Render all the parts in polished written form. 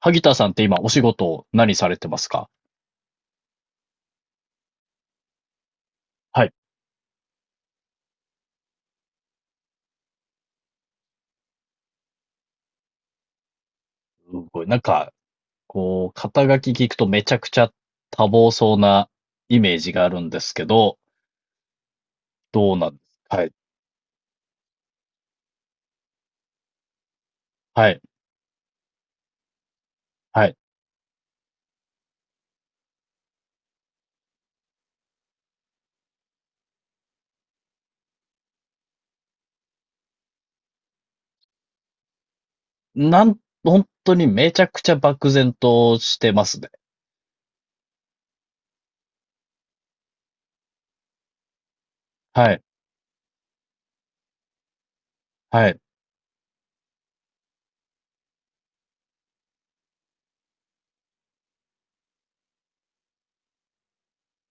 萩田さんって今お仕事何されてますか？はい。すごい。こう、肩書き聞くとめちゃくちゃ多忙そうなイメージがあるんですけど、どうなんですか？はい。はい。はい。本当にめちゃくちゃ漠然としてますね。はい。はい。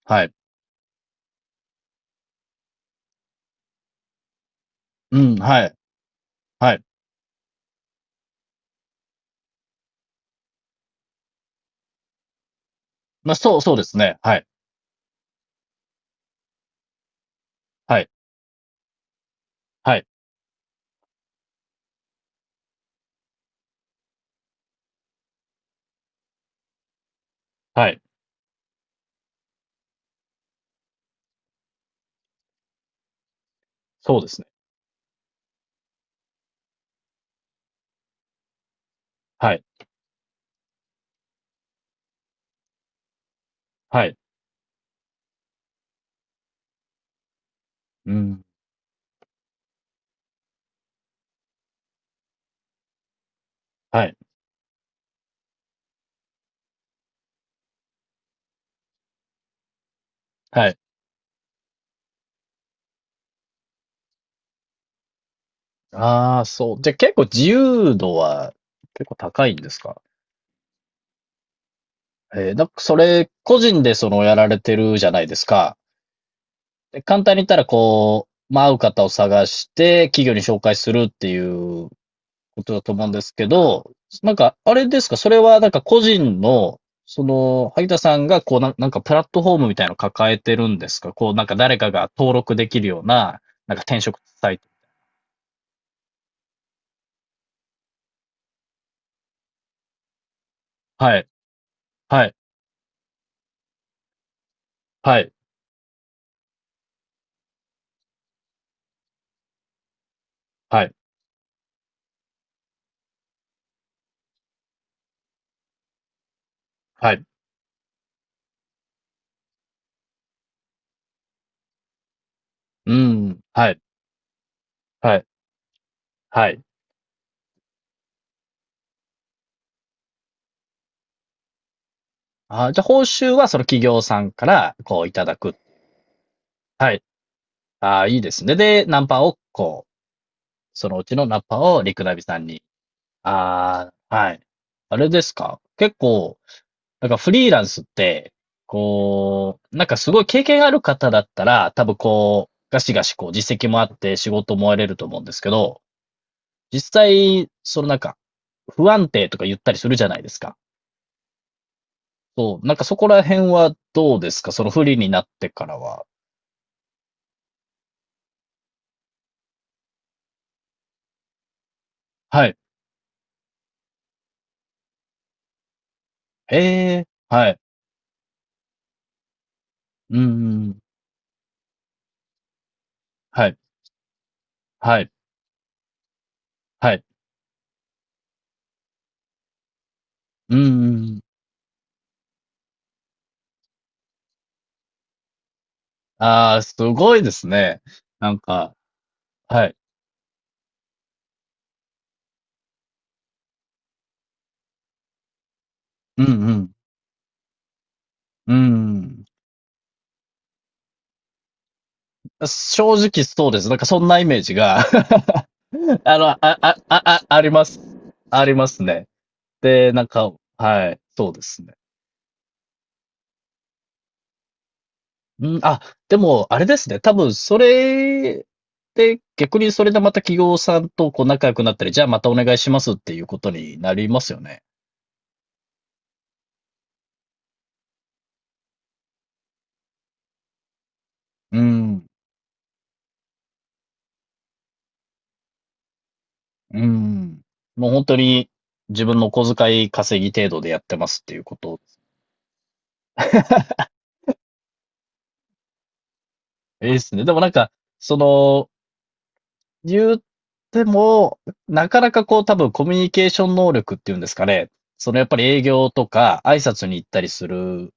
はい。うん、はい。はい。まあ、そうですね。はい。はい。はい。はい。そうですね。はい。はい。うん。はい。はい。ああ、そう。じゃあ結構自由度は結構高いんですか？だそれ、個人でそのやられてるじゃないですか。で簡単に言ったら、こう、まあ、合う方を探して、企業に紹介するっていうことだと思うんですけど、なんか、あれですか、それはなんか個人の、その、萩田さんが、なんかプラットフォームみたいなの抱えてるんですか？こう、なんか誰かが登録できるような、なんか転職サイト。はい、はい、はい、はい、はい。うん、はい、はい。あ、じゃあ報酬はその企業さんから、こう、いただく。はい。ああ、いいですね。で、ナンパをこう、そのうちのナンパをリクナビさんに。ああ、はい。あれですか結構、なんかフリーランスって、こう、なんかすごい経験ある方だったら、多分こう、ガシガシこう実績もあって仕事も得れると思うんですけど、実際、そのなんか、不安定とか言ったりするじゃないですか。そう、なんかそこら辺はどうですか？その不利になってからは。はい。ええ、はい。うん、はい、はい、はい。うんうんうん。ああ、すごいですね。なんか、はい。うんうん。うん。正直そうです。なんかそんなイメージが あの、あ、あります。ありますね。で、なんか、はい、そうですね。うん、あ、でも、あれですね。多分、それで、逆にそれでまた企業さんとこう仲良くなったり、じゃあまたお願いしますっていうことになりますよね。うん。うん。もう本当に自分の小遣い稼ぎ程度でやってますっていうことですね。でもなんか、その、言っても、なかなかこう多分コミュニケーション能力っていうんですかね。そのやっぱり営業とか挨拶に行ったりする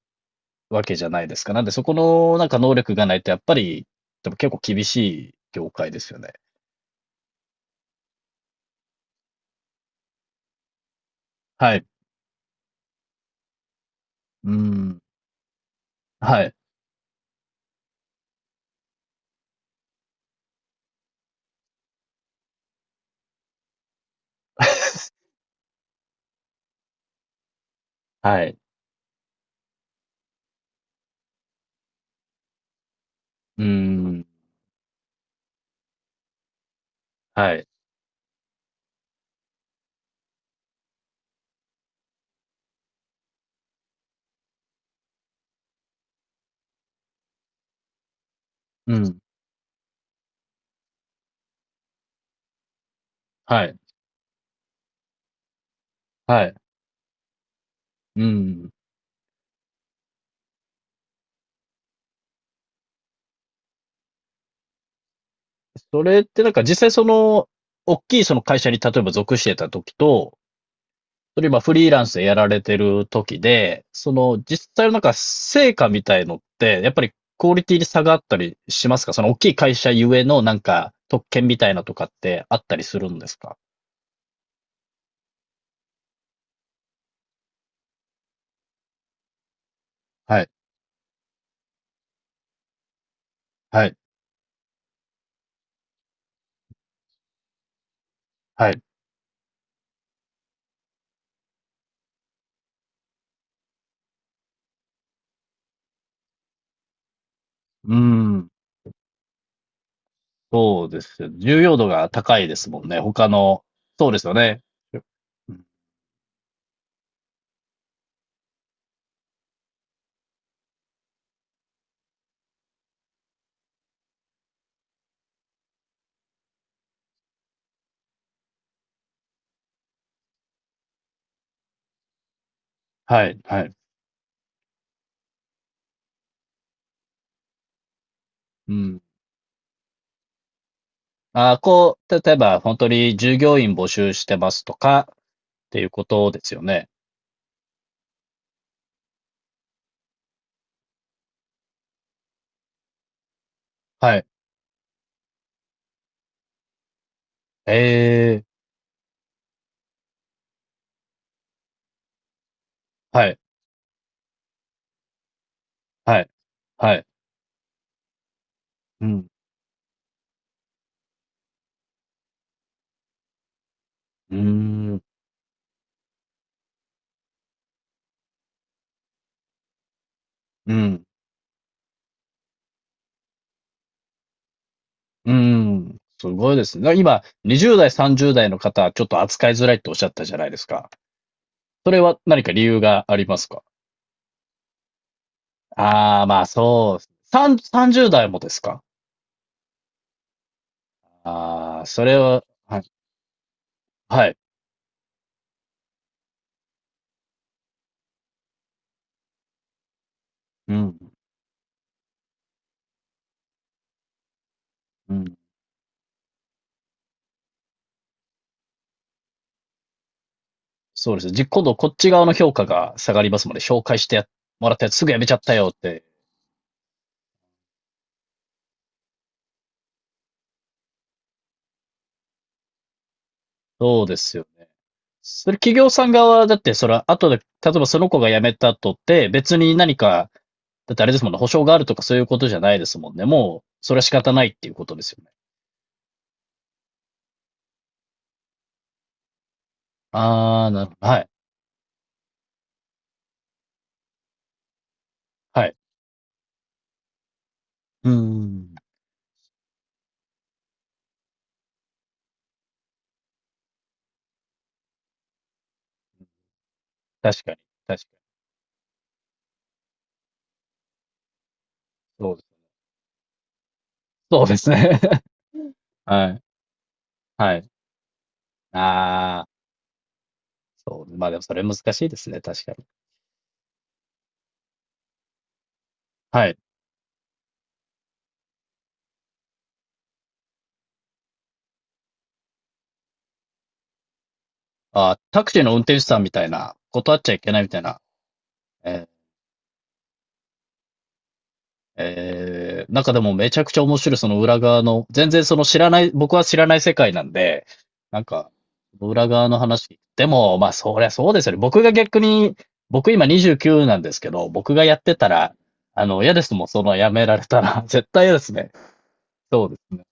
わけじゃないですか。なんでそこのなんか能力がないとやっぱり、でも結構厳しい業界ですよね。はい。うん。はい。はい。うん。はい。うん。はい。はい。うん。それってなんか実際その、大きいその会社に例えば属してた時と、それ今フリーランスでやられてる時で、その実際のなんか成果みたいのって、やっぱりクオリティに差があったりしますか？その大きい会社ゆえのなんか特権みたいなとかってあったりするんですか？はい、はい、はい。うん、そうですよ。重要度が高いですもんね。他の、そうですよね。うん、はい。うん、あーこう、例えば本当に従業員募集してますとかっていうことですよね。はい。ええ、はい、はい、はい。うん、うーん、うん、うん。すごいですね。今、20代、30代の方はちょっと扱いづらいっておっしゃったじゃないですか。それは何か理由がありますか？ああー、まあ、そう、さん30代もですか？ああー、それははい、はい。うん、うん。そうです。じ今度こっち側の評価が下がりますので、紹介してやもらったやつすぐやめちゃったよって。そうですよね。それ企業さん側だって、それは後で、例えばその子が辞めた後って、別に何か、だってあれですもんね、保証があるとかそういうことじゃないですもんね。もう、それは仕方ないっていうことですよね。あー、なるほど。はい。はい。うーん。確かに。確かに。そうです。そうですね。はい。はい。あー。そう。まあでもそれ難しいですね。確かに。はい。あ、タクシーの運転手さんみたいな、断っちゃいけないみたいな。えー、えーなんかでもめちゃくちゃ面白い、その裏側の、全然その知らない、僕は知らない世界なんで、なんか、裏側の話。でも、まあそりゃそうですよね。僕が逆に、僕今29なんですけど、僕がやってたら、あの、嫌ですもん、そのやめられたら。絶対嫌ですね。そうですね。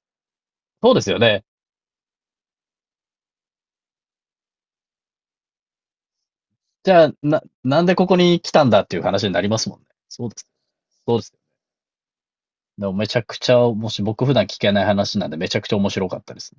そうですよね。じゃあ、な、なんでここに来たんだっていう話になりますもんね。そうです。そうです。でもめちゃくちゃ、もし僕普段聞けない話なんで、めちゃくちゃ面白かったです。